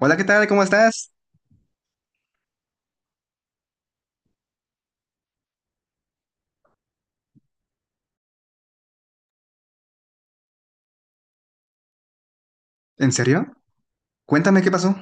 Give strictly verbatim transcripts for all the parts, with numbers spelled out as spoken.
Hola, ¿qué tal? ¿Cómo estás? ¿En serio? Cuéntame qué pasó.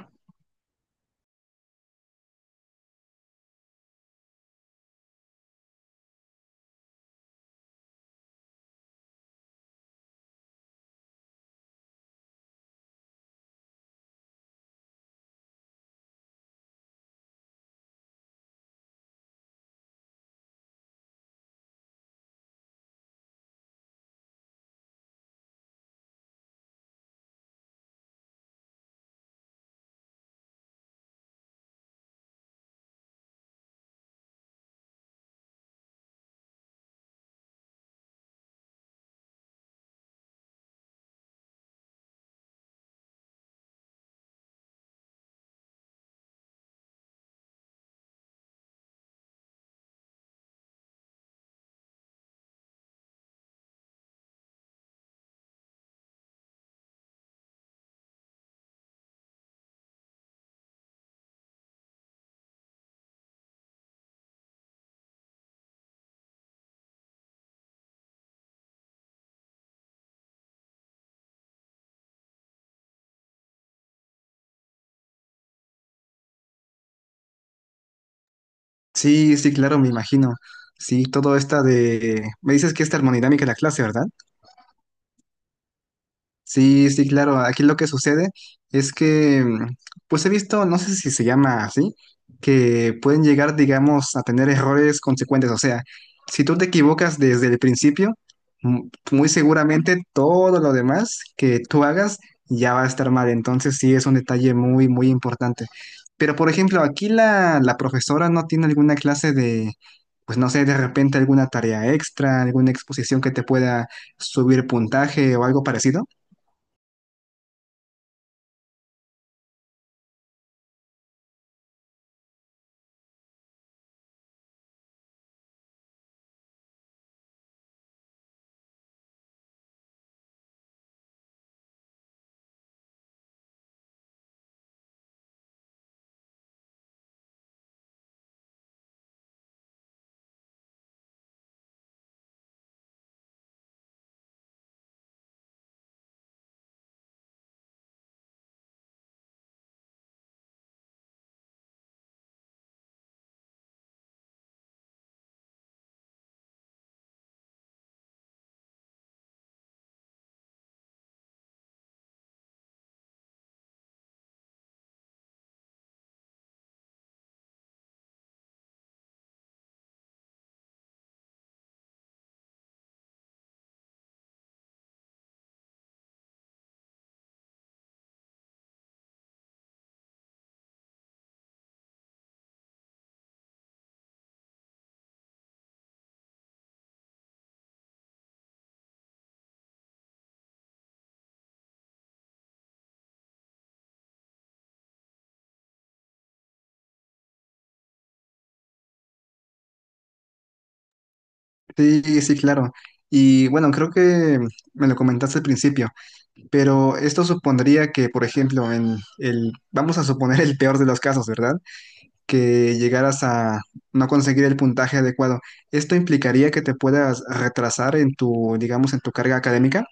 Sí, sí, claro, me imagino. Sí, todo esta de... me dices que es termodinámica la clase, ¿verdad? Sí, sí, claro. Aquí lo que sucede es que, mm, pues he visto, no sé si se llama así, que pueden llegar, digamos, a tener errores consecuentes. O sea, si tú te equivocas desde el principio, mu- muy seguramente todo lo demás que tú hagas ya va a estar mal. Entonces sí es un detalle muy, muy importante. Pero, por ejemplo, aquí la, la profesora no tiene alguna clase de, pues no sé, de repente alguna tarea extra, alguna exposición que te pueda subir puntaje o algo parecido. Sí, sí, claro. Y bueno, creo que me lo comentaste al principio, pero esto supondría que, por ejemplo, en el, vamos a suponer el peor de los casos, ¿verdad? Que llegaras a no conseguir el puntaje adecuado. ¿Esto implicaría que te puedas retrasar en tu, digamos, en tu carga académica?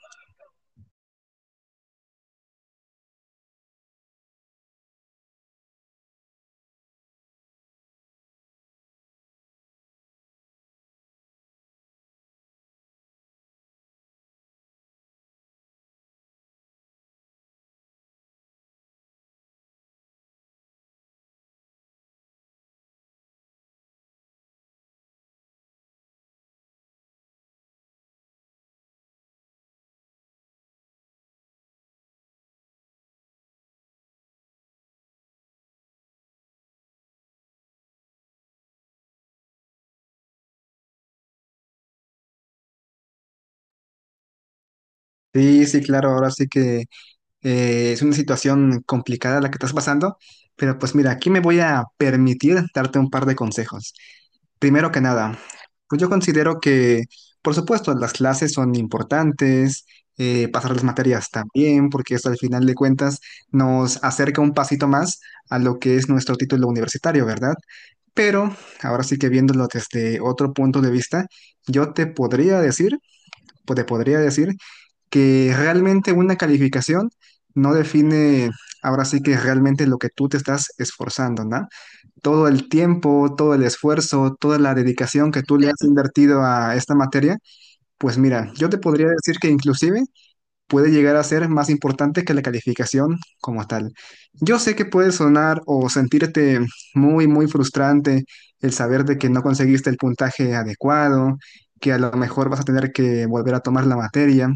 Sí, sí, claro, ahora sí que eh, es una situación complicada la que estás pasando, pero pues mira, aquí me voy a permitir darte un par de consejos. Primero que nada, pues yo considero que, por supuesto, las clases son importantes, eh, pasar las materias también, porque eso al final de cuentas nos acerca un pasito más a lo que es nuestro título universitario, ¿verdad? Pero ahora sí que viéndolo desde otro punto de vista, yo te podría decir, pues te podría decir que realmente una calificación no define ahora sí que realmente lo que tú te estás esforzando, ¿no? Todo el tiempo, todo el esfuerzo, toda la dedicación que tú le has invertido a esta materia, pues mira, yo te podría decir que inclusive puede llegar a ser más importante que la calificación como tal. Yo sé que puede sonar o sentirte muy, muy frustrante el saber de que no conseguiste el puntaje adecuado, que a lo mejor vas a tener que volver a tomar la materia.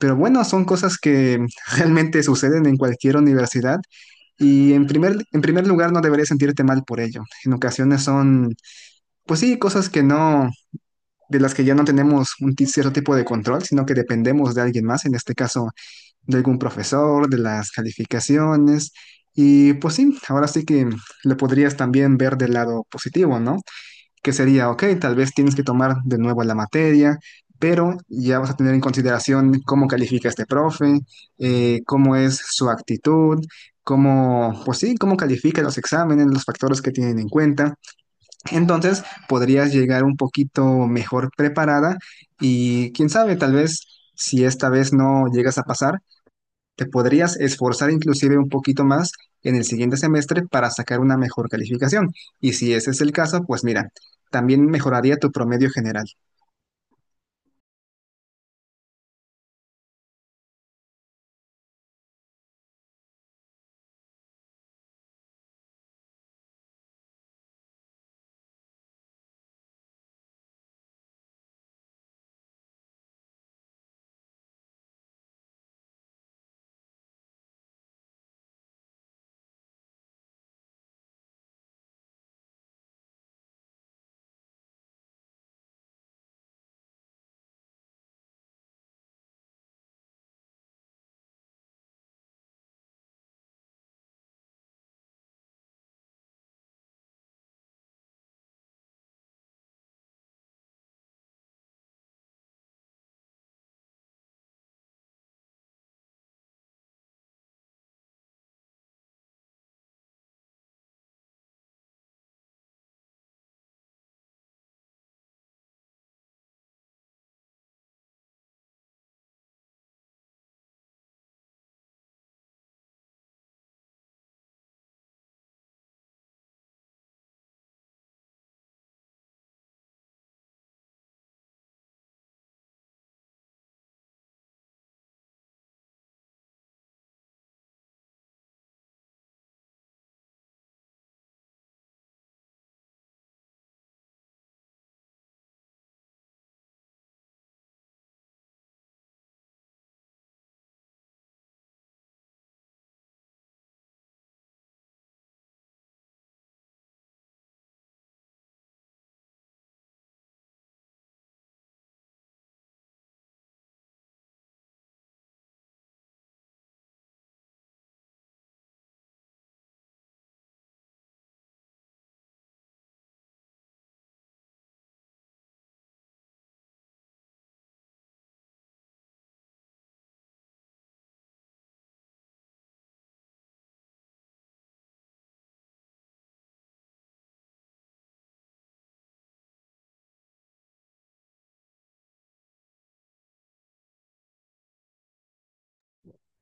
Pero bueno, son cosas que realmente suceden en cualquier universidad y en primer, en primer lugar, no deberías sentirte mal por ello. En ocasiones son, pues sí, cosas que no, de las que ya no tenemos un ti- cierto tipo de control, sino que dependemos de alguien más, en este caso de algún profesor, de las calificaciones. Y pues sí, ahora sí que lo podrías también ver del lado positivo, ¿no? Que sería, ok, tal vez tienes que tomar de nuevo la materia, pero ya vas a tener en consideración cómo califica este profe, eh, cómo es su actitud, cómo, pues sí, cómo califica los exámenes, los factores que tienen en cuenta. Entonces podrías llegar un poquito mejor preparada y quién sabe, tal vez si esta vez no llegas a pasar, te podrías esforzar inclusive un poquito más en el siguiente semestre para sacar una mejor calificación. Y si ese es el caso, pues mira, también mejoraría tu promedio general.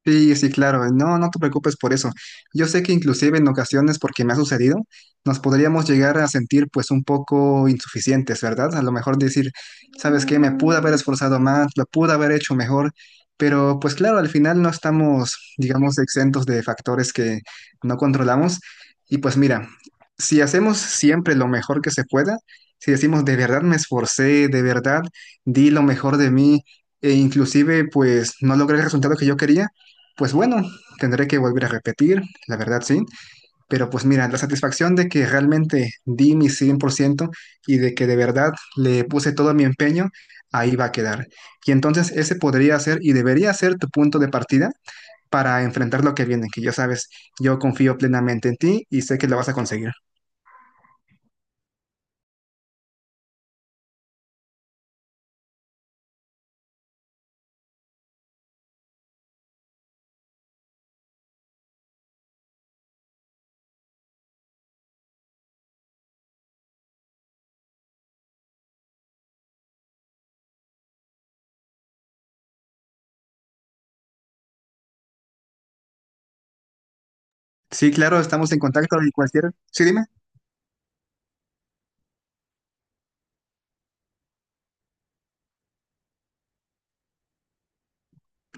Sí, sí, claro. No, no te preocupes por eso. Yo sé que inclusive en ocasiones, porque me ha sucedido, nos podríamos llegar a sentir pues un poco insuficientes, ¿verdad? A lo mejor decir, ¿sabes qué? Me pude haber esforzado más, lo pude haber hecho mejor, pero pues claro, al final no estamos, digamos, exentos de factores que no controlamos. Y pues mira, si hacemos siempre lo mejor que se pueda, si decimos, de verdad me esforcé, de verdad di lo mejor de mí, e inclusive pues no logré el resultado que yo quería, pues bueno, tendré que volver a repetir, la verdad sí, pero pues mira, la satisfacción de que realmente di mi cien por ciento y de que de verdad le puse todo mi empeño, ahí va a quedar. Y entonces ese podría ser y debería ser tu punto de partida para enfrentar lo que viene, que ya sabes, yo confío plenamente en ti y sé que lo vas a conseguir. Sí, claro, estamos en contacto y cualquier. Sí, dime.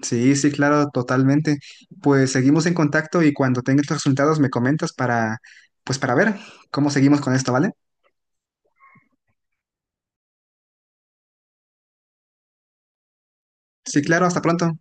Sí, sí, claro, totalmente. Pues seguimos en contacto y cuando tengas los resultados me comentas para, pues para ver cómo seguimos con esto, ¿vale? Sí, claro, hasta pronto.